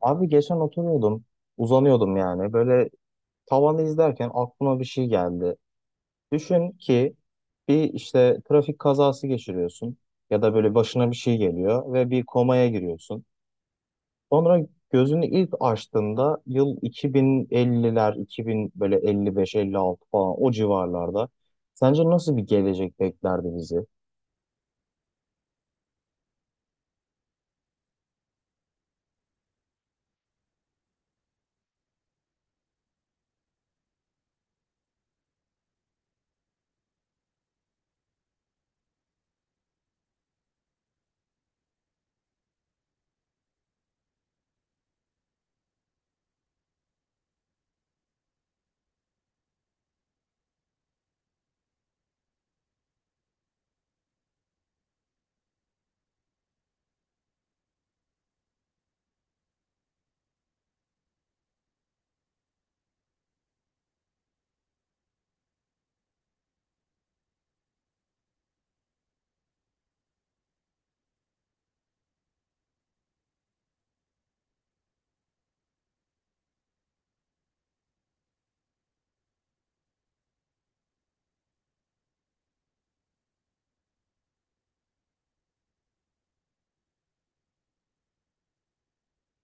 Abi geçen oturuyordum, uzanıyordum yani. Böyle tavanı izlerken aklıma bir şey geldi. Düşün ki bir işte trafik kazası geçiriyorsun ya da böyle başına bir şey geliyor ve bir komaya giriyorsun. Sonra gözünü ilk açtığında yıl 2050'ler, 2000 böyle 55, 56 falan o civarlarda. Sence nasıl bir gelecek beklerdi bizi?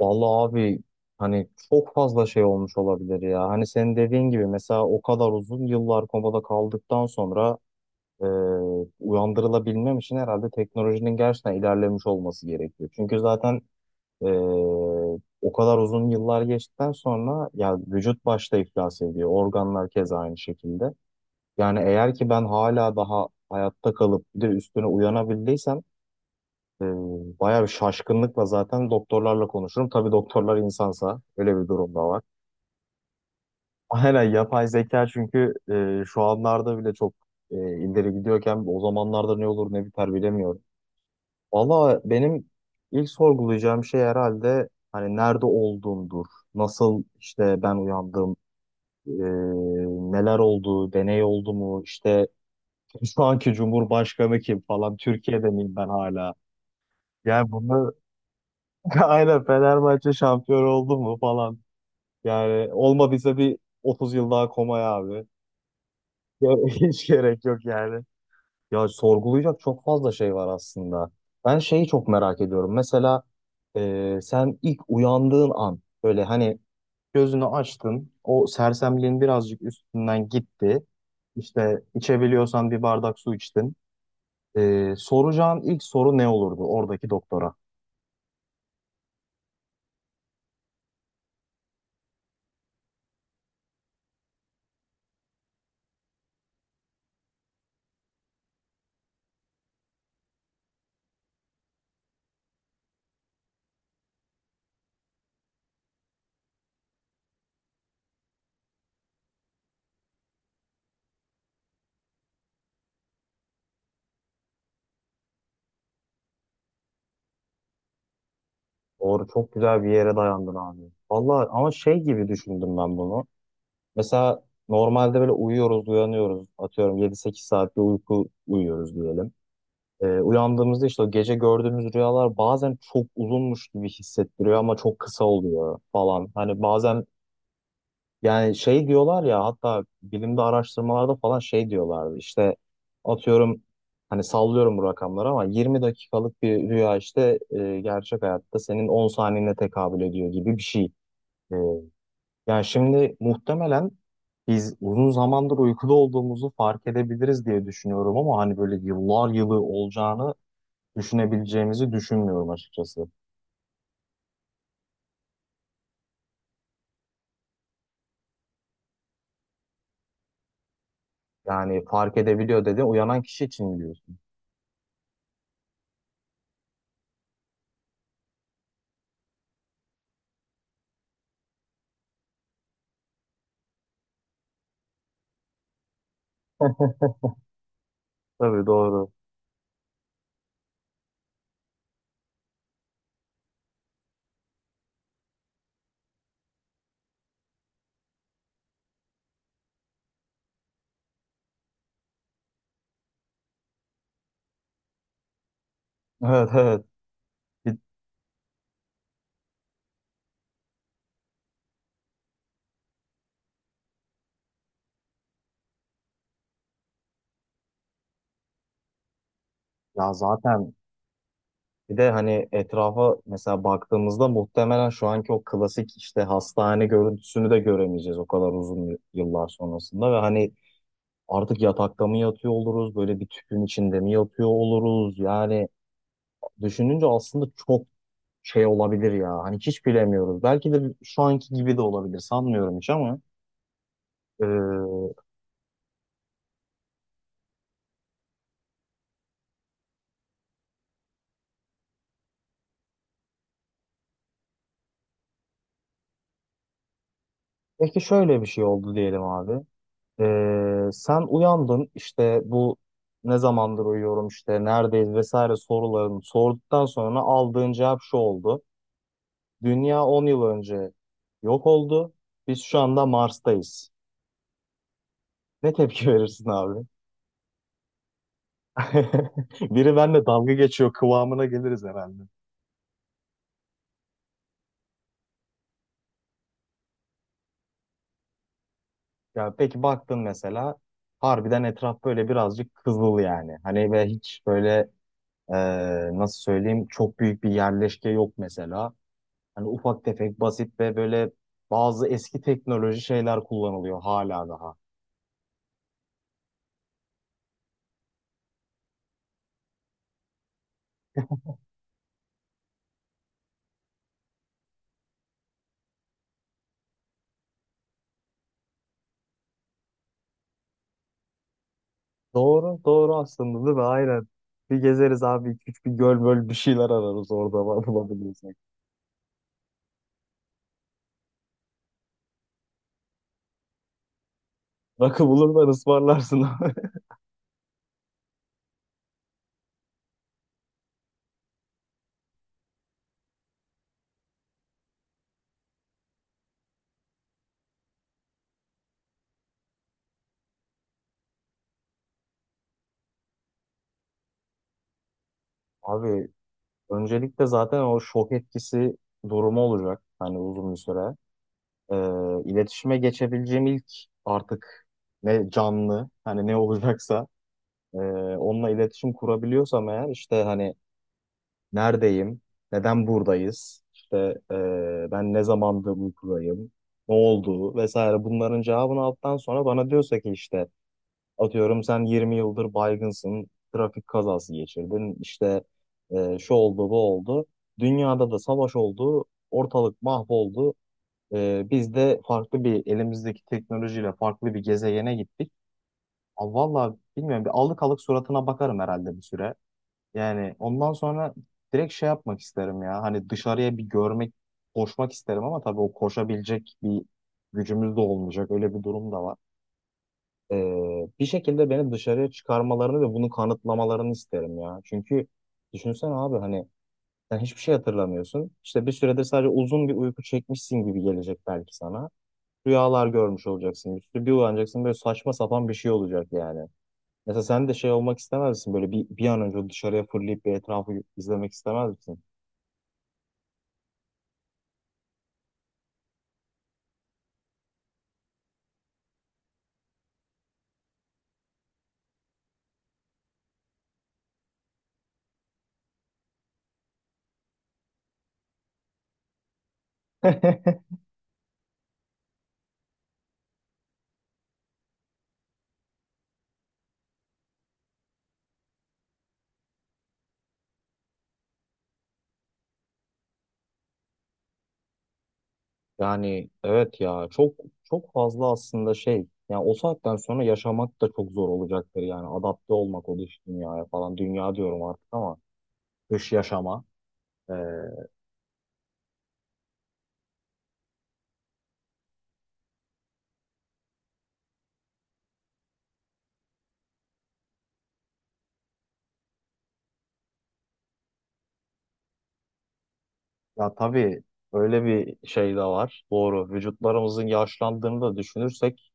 Vallahi abi, hani çok fazla şey olmuş olabilir ya. Hani senin dediğin gibi mesela o kadar uzun yıllar komada kaldıktan sonra e, uyandırılabilmem için herhalde teknolojinin gerçekten ilerlemiş olması gerekiyor. Çünkü zaten e, o kadar uzun yıllar geçtikten sonra ya vücut başta iflas ediyor. Organlar keza aynı şekilde. Yani eğer ki ben hala daha hayatta kalıp bir de üstüne uyanabildiysem ee, bayağı bir şaşkınlıkla zaten doktorlarla konuşurum. Tabii doktorlar insansa öyle bir durum da var. Aynen, yapay zeka çünkü şu anlarda bile çok ileri gidiyorken o zamanlarda ne olur ne biter bilemiyorum. Valla benim ilk sorgulayacağım şey herhalde hani nerede olduğumdur. Nasıl işte ben uyandım, e, neler oldu, deney oldu mu, işte şu anki Cumhurbaşkanı kim falan, Türkiye'de miyim ben hala? Yani bunu aynen, Fenerbahçe şampiyon oldu mu falan. Yani olmadıysa bir 30 yıl daha komaya abi. Ya, hiç gerek yok yani. Ya sorgulayacak çok fazla şey var aslında. Ben şeyi çok merak ediyorum. Mesela sen ilk uyandığın an böyle hani gözünü açtın. O sersemliğin birazcık üstünden gitti. İşte içebiliyorsan bir bardak su içtin. E, soracağın ilk soru ne olurdu oradaki doktora? Doğru, çok güzel bir yere dayandın abi. Vallahi ama şey gibi düşündüm ben bunu. Mesela normalde böyle uyuyoruz, uyanıyoruz. Atıyorum yedi sekiz saat bir uyku uyuyoruz diyelim. Uyandığımızda işte o gece gördüğümüz rüyalar bazen çok uzunmuş gibi hissettiriyor ama çok kısa oluyor falan. Hani bazen yani şey diyorlar ya, hatta bilimde araştırmalarda falan şey diyorlardı, işte atıyorum, hani sallıyorum bu rakamları ama 20 dakikalık bir rüya işte gerçek hayatta senin 10 saniyene tekabül ediyor gibi bir şey. E, Yani şimdi muhtemelen biz uzun zamandır uykuda olduğumuzu fark edebiliriz diye düşünüyorum ama hani böyle yıllar yılı olacağını düşünebileceğimizi düşünmüyorum açıkçası. Yani fark edebiliyor, dedi uyanan kişi için diyorsun. Tabii, doğru. Evet, evet. Ya zaten bir de hani etrafa mesela baktığımızda muhtemelen şu anki o klasik işte hastane görüntüsünü de göremeyeceğiz o kadar uzun yıllar sonrasında ve hani artık yatakta mı yatıyor oluruz, böyle bir tüpün içinde mi yatıyor oluruz, yani düşününce aslında çok şey olabilir ya, hani hiç bilemiyoruz, belki de şu anki gibi de olabilir, sanmıyorum hiç ama e, peki şöyle bir şey oldu diyelim abi. Sen uyandın, işte bu ne zamandır uyuyorum, işte neredeyiz vesaire sorularını sorduktan sonra aldığın cevap şu oldu. Dünya 10 yıl önce yok oldu. Biz şu anda Mars'tayız. Ne tepki verirsin abi? Biri benimle dalga geçiyor kıvamına geliriz herhalde. Ya peki baktın mesela, harbiden etraf böyle birazcık kızıl yani. Hani ve hiç böyle e, nasıl söyleyeyim, çok büyük bir yerleşke yok mesela. Hani ufak tefek, basit ve böyle bazı eski teknoloji şeyler kullanılıyor hala daha. Doğru, doğru aslında, değil mi? Aynen. Bir gezeriz abi. İki üç bir göl böl bir şeyler ararız orada, var- bulabilirsek. Rakı bulurlar, ısmarlarsın abi. Abi öncelikle zaten o şok etkisi durumu olacak. Hani uzun bir süre. Ee, iletişime geçebileceğim ilk, artık ne canlı hani ne olacaksa, e, onunla iletişim kurabiliyorsam eğer, işte hani neredeyim? Neden buradayız? İşte ben ne zamandır uykudayım? Ne oldu? Vesaire, bunların cevabını aldıktan sonra bana diyorsa ki işte atıyorum sen 20 yıldır baygınsın, trafik kazası geçirdin, işte şu oldu bu oldu. Dünyada da savaş oldu, ortalık mahvoldu. Biz de farklı bir, elimizdeki teknolojiyle farklı bir gezegene gittik. Aa, vallahi bilmiyorum, bir alık alık suratına bakarım herhalde bir süre. Yani ondan sonra direkt şey yapmak isterim ya. Hani dışarıya bir görmek, koşmak isterim ama tabii o koşabilecek bir gücümüz de olmayacak. Öyle bir durum da var. Bir şekilde beni dışarıya çıkarmalarını ve bunu kanıtlamalarını isterim ya. Çünkü düşünsene abi, hani sen hiçbir şey hatırlamıyorsun. İşte bir süredir sadece uzun bir uyku çekmişsin gibi gelecek belki sana. Rüyalar görmüş olacaksın. Üstü bir uyanacaksın, böyle saçma sapan bir şey olacak yani. Mesela sen de şey olmak istemez misin? Böyle bir an önce dışarıya fırlayıp bir etrafı izlemek istemez misin? Yani evet ya, çok çok fazla aslında şey. Yani o saatten sonra yaşamak da çok zor olacaktır yani. Adapte olmak o dış dünyaya falan. Dünya diyorum artık ama dış yaşama. Ee, Ya tabii öyle bir şey de var. Doğru. Vücutlarımızın yaşlandığını da düşünürsek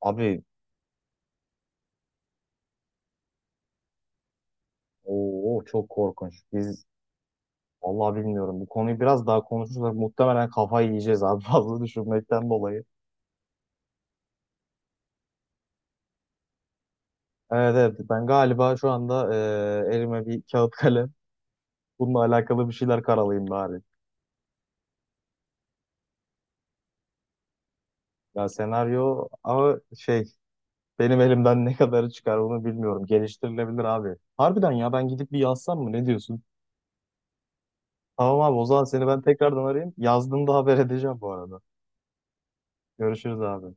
abi, o çok korkunç. Biz, vallahi bilmiyorum. Bu konuyu biraz daha konuşursak muhtemelen kafayı yiyeceğiz abi, fazla düşünmekten dolayı. Evet, evet, ben galiba şu anda elime bir kağıt kalem. Bununla alakalı bir şeyler karalayayım bari. Ya senaryo ama şey, benim elimden ne kadarı çıkar onu bilmiyorum. Geliştirilebilir abi. Harbiden ya, ben gidip bir yazsam mı, ne diyorsun? Tamam abi, o zaman seni ben tekrardan arayayım. Yazdığımda haber edeceğim bu arada. Görüşürüz abi.